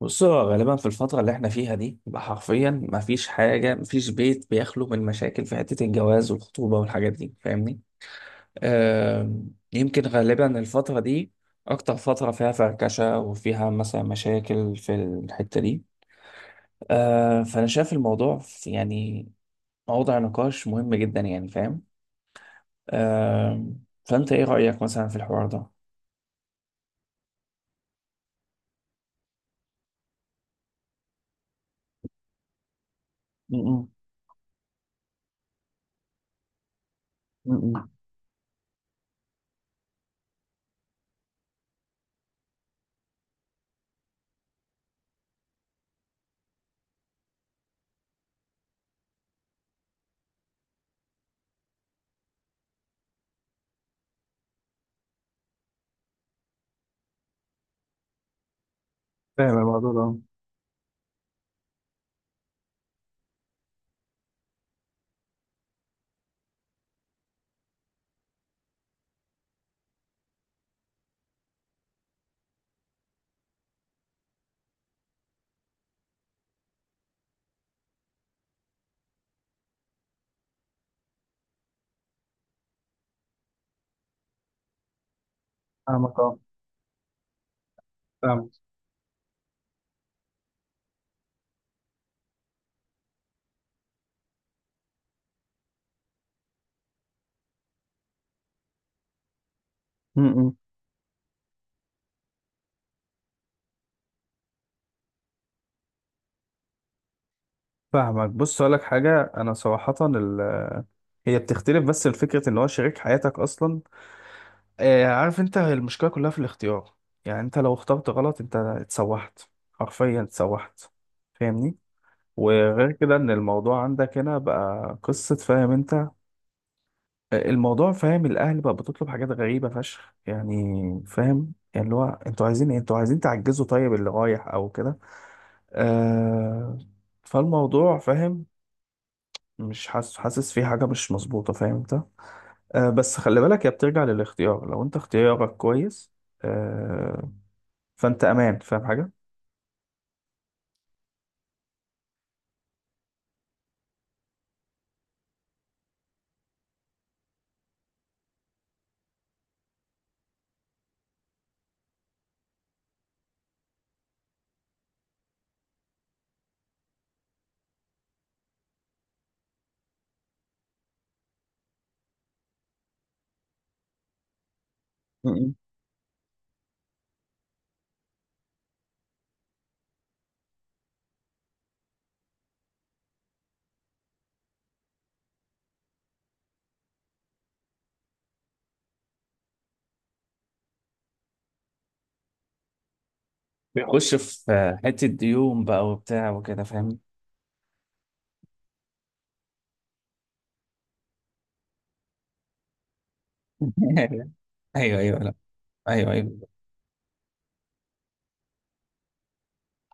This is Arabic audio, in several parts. بص، هو غالبا في الفترة اللي احنا فيها دي يبقى حرفيا مفيش حاجة، مفيش بيت بيخلو من مشاكل في حتة الجواز والخطوبة والحاجات دي، فاهمني؟ يمكن غالبا الفترة دي أكتر فترة فيها فركشة وفيها مثلا مشاكل في الحتة دي. فأنا شايف الموضوع يعني موضوع نقاش مهم جدا، يعني فاهم؟ فأنت إيه رأيك مثلا في الحوار ده؟ م- م- م- م. فاهم الموضوع ده، اه. فاهمك، اه. فاهمك. م- م. فاهمك. بص، اقول لك حاجه، انا صراحه هي بتختلف، بس الفكره ان هو شريك حياتك اصلا. آه، عارف انت، هي المشكله كلها في الاختيار. يعني انت لو اخترت غلط، انت اتسوحت، حرفيا اتسوحت، فاهمني؟ وغير كده ان الموضوع عندك هنا بقى قصه، فاهم انت؟ آه، الموضوع، فاهم، الاهل بقى بتطلب حاجات غريبه فشخ يعني. فاهم؟ يعني اللي هو انتوا عايزين إيه؟ انتوا عايزين تعجزوا طيب اللي رايح او كده؟ آه. فالموضوع فاهم. مش حاسس، حاسس في حاجة مش مظبوطة، فاهم انت؟ آه، بس خلي بالك، هي بترجع للاختيار، لو انت اختيارك كويس. آه. فانت امان، فاهم حاجة؟ م-م. بيخش في حتة ديون بقى وبتاع وكده، فاهم. ايوه ايوه، لا. ايوه ايوه.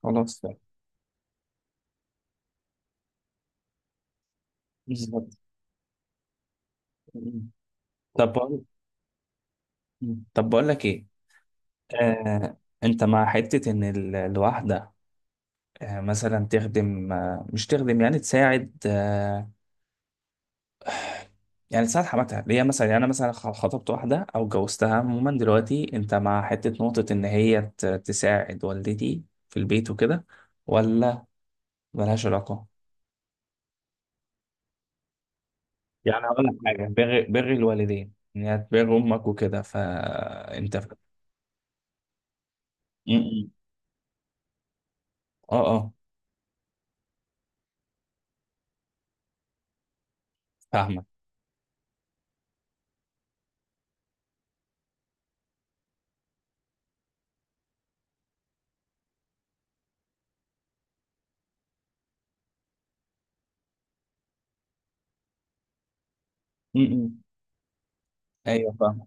خلاص، فاهم. بالظبط. م-م. طب بقول طب بقول لك ايه. آه، انت مع حتة ان الواحدة مثلا تخدم، مش تخدم، يعني تساعد، يعني ساعة حماتها اللي هي مثلا. يعني انا مثلا خطبت واحده او جوزتها عموما، دلوقتي انت مع حته نقطه ان هي تساعد والدتي في البيت وكده، ولا ملهاش علاقه؟ يعني هقول لك حاجه، بر، بر الوالدين، ان هي تبر امك وكده، فانت م- م. اه، اه. فاهمك. م- م. ايوه، فاهمك.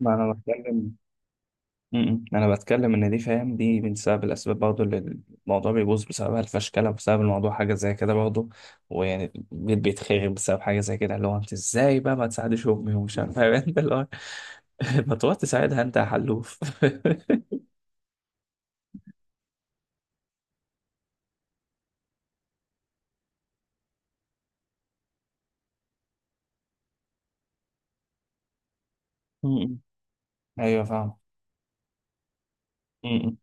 ما انا بتكلم. م-م. انا بتكلم ان دي، فاهم، دي من سبب الاسباب برضه، اللي الموضوع بيبوظ بسببها. الفشكله بسبب الموضوع حاجه زي كده برضه، ويعني البيت بيتخرب بسبب حاجه زي كده، اللي هو انت ازاي بقى ما تساعدش امي ومش عارف إيه، فاهم؟ انت اللي هو ما تروح تساعدها انت يا حلوف. م-م. ايوه، فاهم. م-م.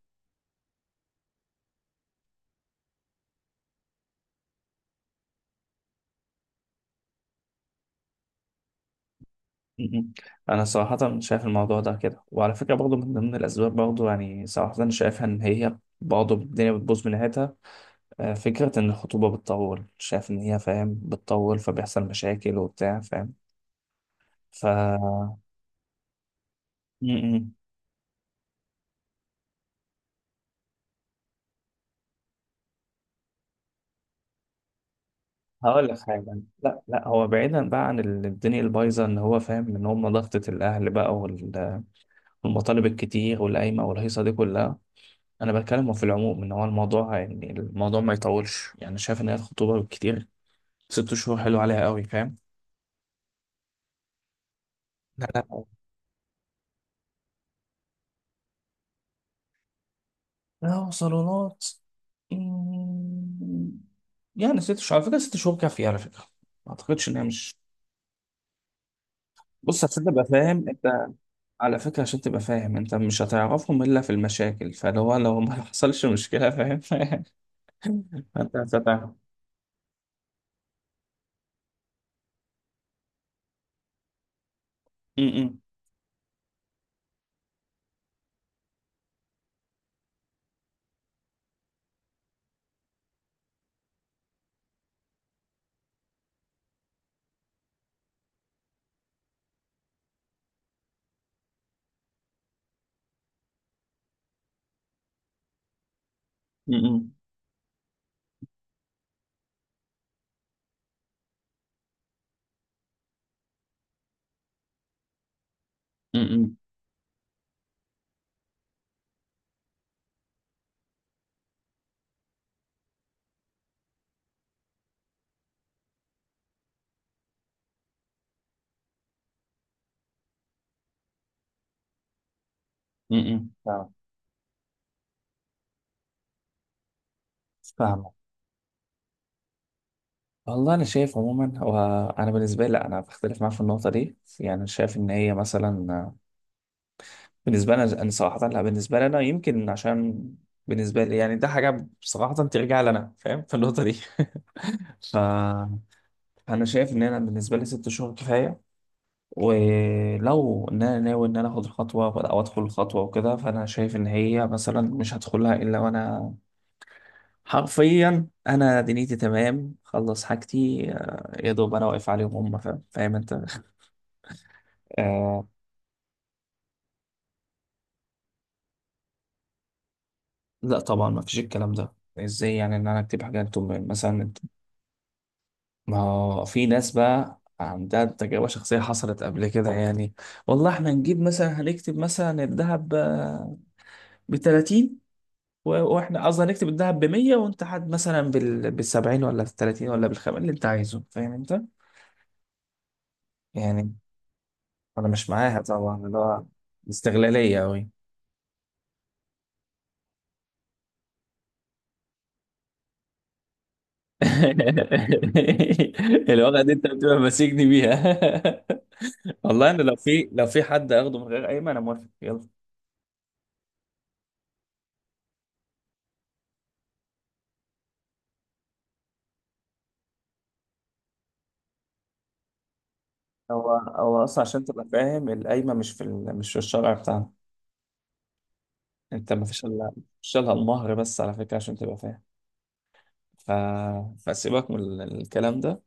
م-م. انا صراحه شايف الموضوع ده كده، وعلى فكره برضه من ضمن الاسباب برضه، يعني صراحه شايفها ان هي برضه الدنيا بتبوظ من ناحيتها. آه، فكرة إن الخطوبة بتطول، شايف إن هي، فاهم، بتطول، فبيحصل مشاكل وبتاع، فاهم. ف. م-م. هقول لك حاجة. لا لا، هو بعيدا بقى عن الدنيا البايظة، إن هو، فاهم، إن هم ضغطة الأهل بقى والمطالب الكتير والقايمة والهيصة دي كلها. أنا بتكلم في العموم إن هو الموضوع، يعني الموضوع ما يطولش، يعني شايف إن هي الخطوبة بالكتير ست شهور، حلو عليها قوي، فاهم. لا لا لا. صالونات. مم، يعني ست شهور، على فكرة، ست شهور كافية على فكرة. ما أعتقدش إن هي مش. بص، عشان تبقى فاهم أنت. على فكرة، عشان تبقى فاهم أنت، مش هتعرفهم إلا في المشاكل، فلو هو لو ما حصلش مشكلة، فاهم. فأنت هتتعرف. م-م. م-م. م-م. م-م. فاهم. فاهم. والله أنا شايف عموما هو، أنا بالنسبة لي لأ، أنا بختلف معاه في النقطة دي، يعني أنا شايف إن هي مثلا، بالنسبة لنا، أنا صراحة لا، بالنسبة لنا يمكن عشان، بالنسبة لي يعني ده حاجة صراحة ترجع لنا، فاهم، في النقطة دي. ف، أنا شايف إن أنا بالنسبة لي ست شهور كفاية. ولو إن أنا ناوي إن أنا آخد الخطوة، أو أدخل الخطوة وكده، فأنا شايف إن هي مثلا مش هدخلها إلا وأنا حرفيا، أنا دنيتي تمام، خلص حاجتي، يا دوب أنا واقف عليهم هم، فاهم، فاهم أنت. آه. لا طبعا ما فيش الكلام ده. ازاي يعني ان انا اكتب حاجه انتم مثلا؟ ما هو في ناس بقى عندها تجربة شخصية حصلت قبل كده يعني. والله احنا نجيب مثلا، هنكتب مثلا الذهب ب 30، واحنا قصدي هنكتب الذهب ب 100، وانت حد مثلا بال 70 ولا بال 30 ولا بالخم اللي انت عايزه، فاهم انت؟ يعني انا مش معاها طبعا، اللي هو استغلالية قوي. الوضع دي انت بتبقى ماسكني بيها. والله انا لو في حد اخده من غير قايمة انا موافق، يلا. هو، هو اصلا، عشان تبقى فاهم، القايمه مش في مش في الشرع بتاعنا. انت ما فيش الا، مش لها المهر بس، على فكره، عشان تبقى فاهم. ف... فسيبك من الكلام ده.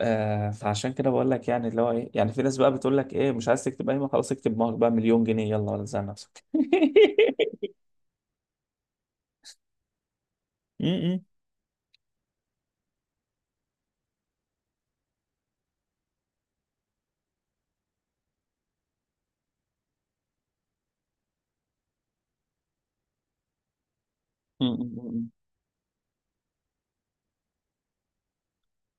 آه، فعشان كده بقول لك، يعني اللي هو ايه، يعني في ناس بقى بتقول لك ايه، مش عايز تكتب قايمه، خلاص، اكتب مهر بقى مليون جنيه يلا، ولا تزعل نفسك. م- م- م- م- م.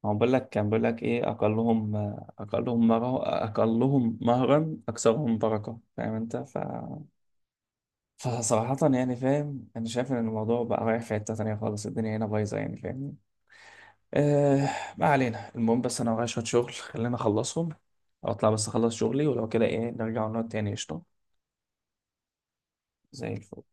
هو بقول لك، كان بيقول لك ايه: اقلهم، اقلهم مره، اقلهم مهرا اكثرهم بركه، فاهم انت؟ ف، فصراحة يعني، فاهم، أنا شايف إن الموضوع بقى رايح في حتة تانية خالص، الدنيا هنا بايظة يعني، فاهمني؟ آه. ما علينا، المهم، بس أنا ورايا شوية شغل، خلينا أخلصهم، أو أطلع بس أخلص شغلي ولو كده إيه، نرجع ونقعد تاني، قشطة. زي الفل.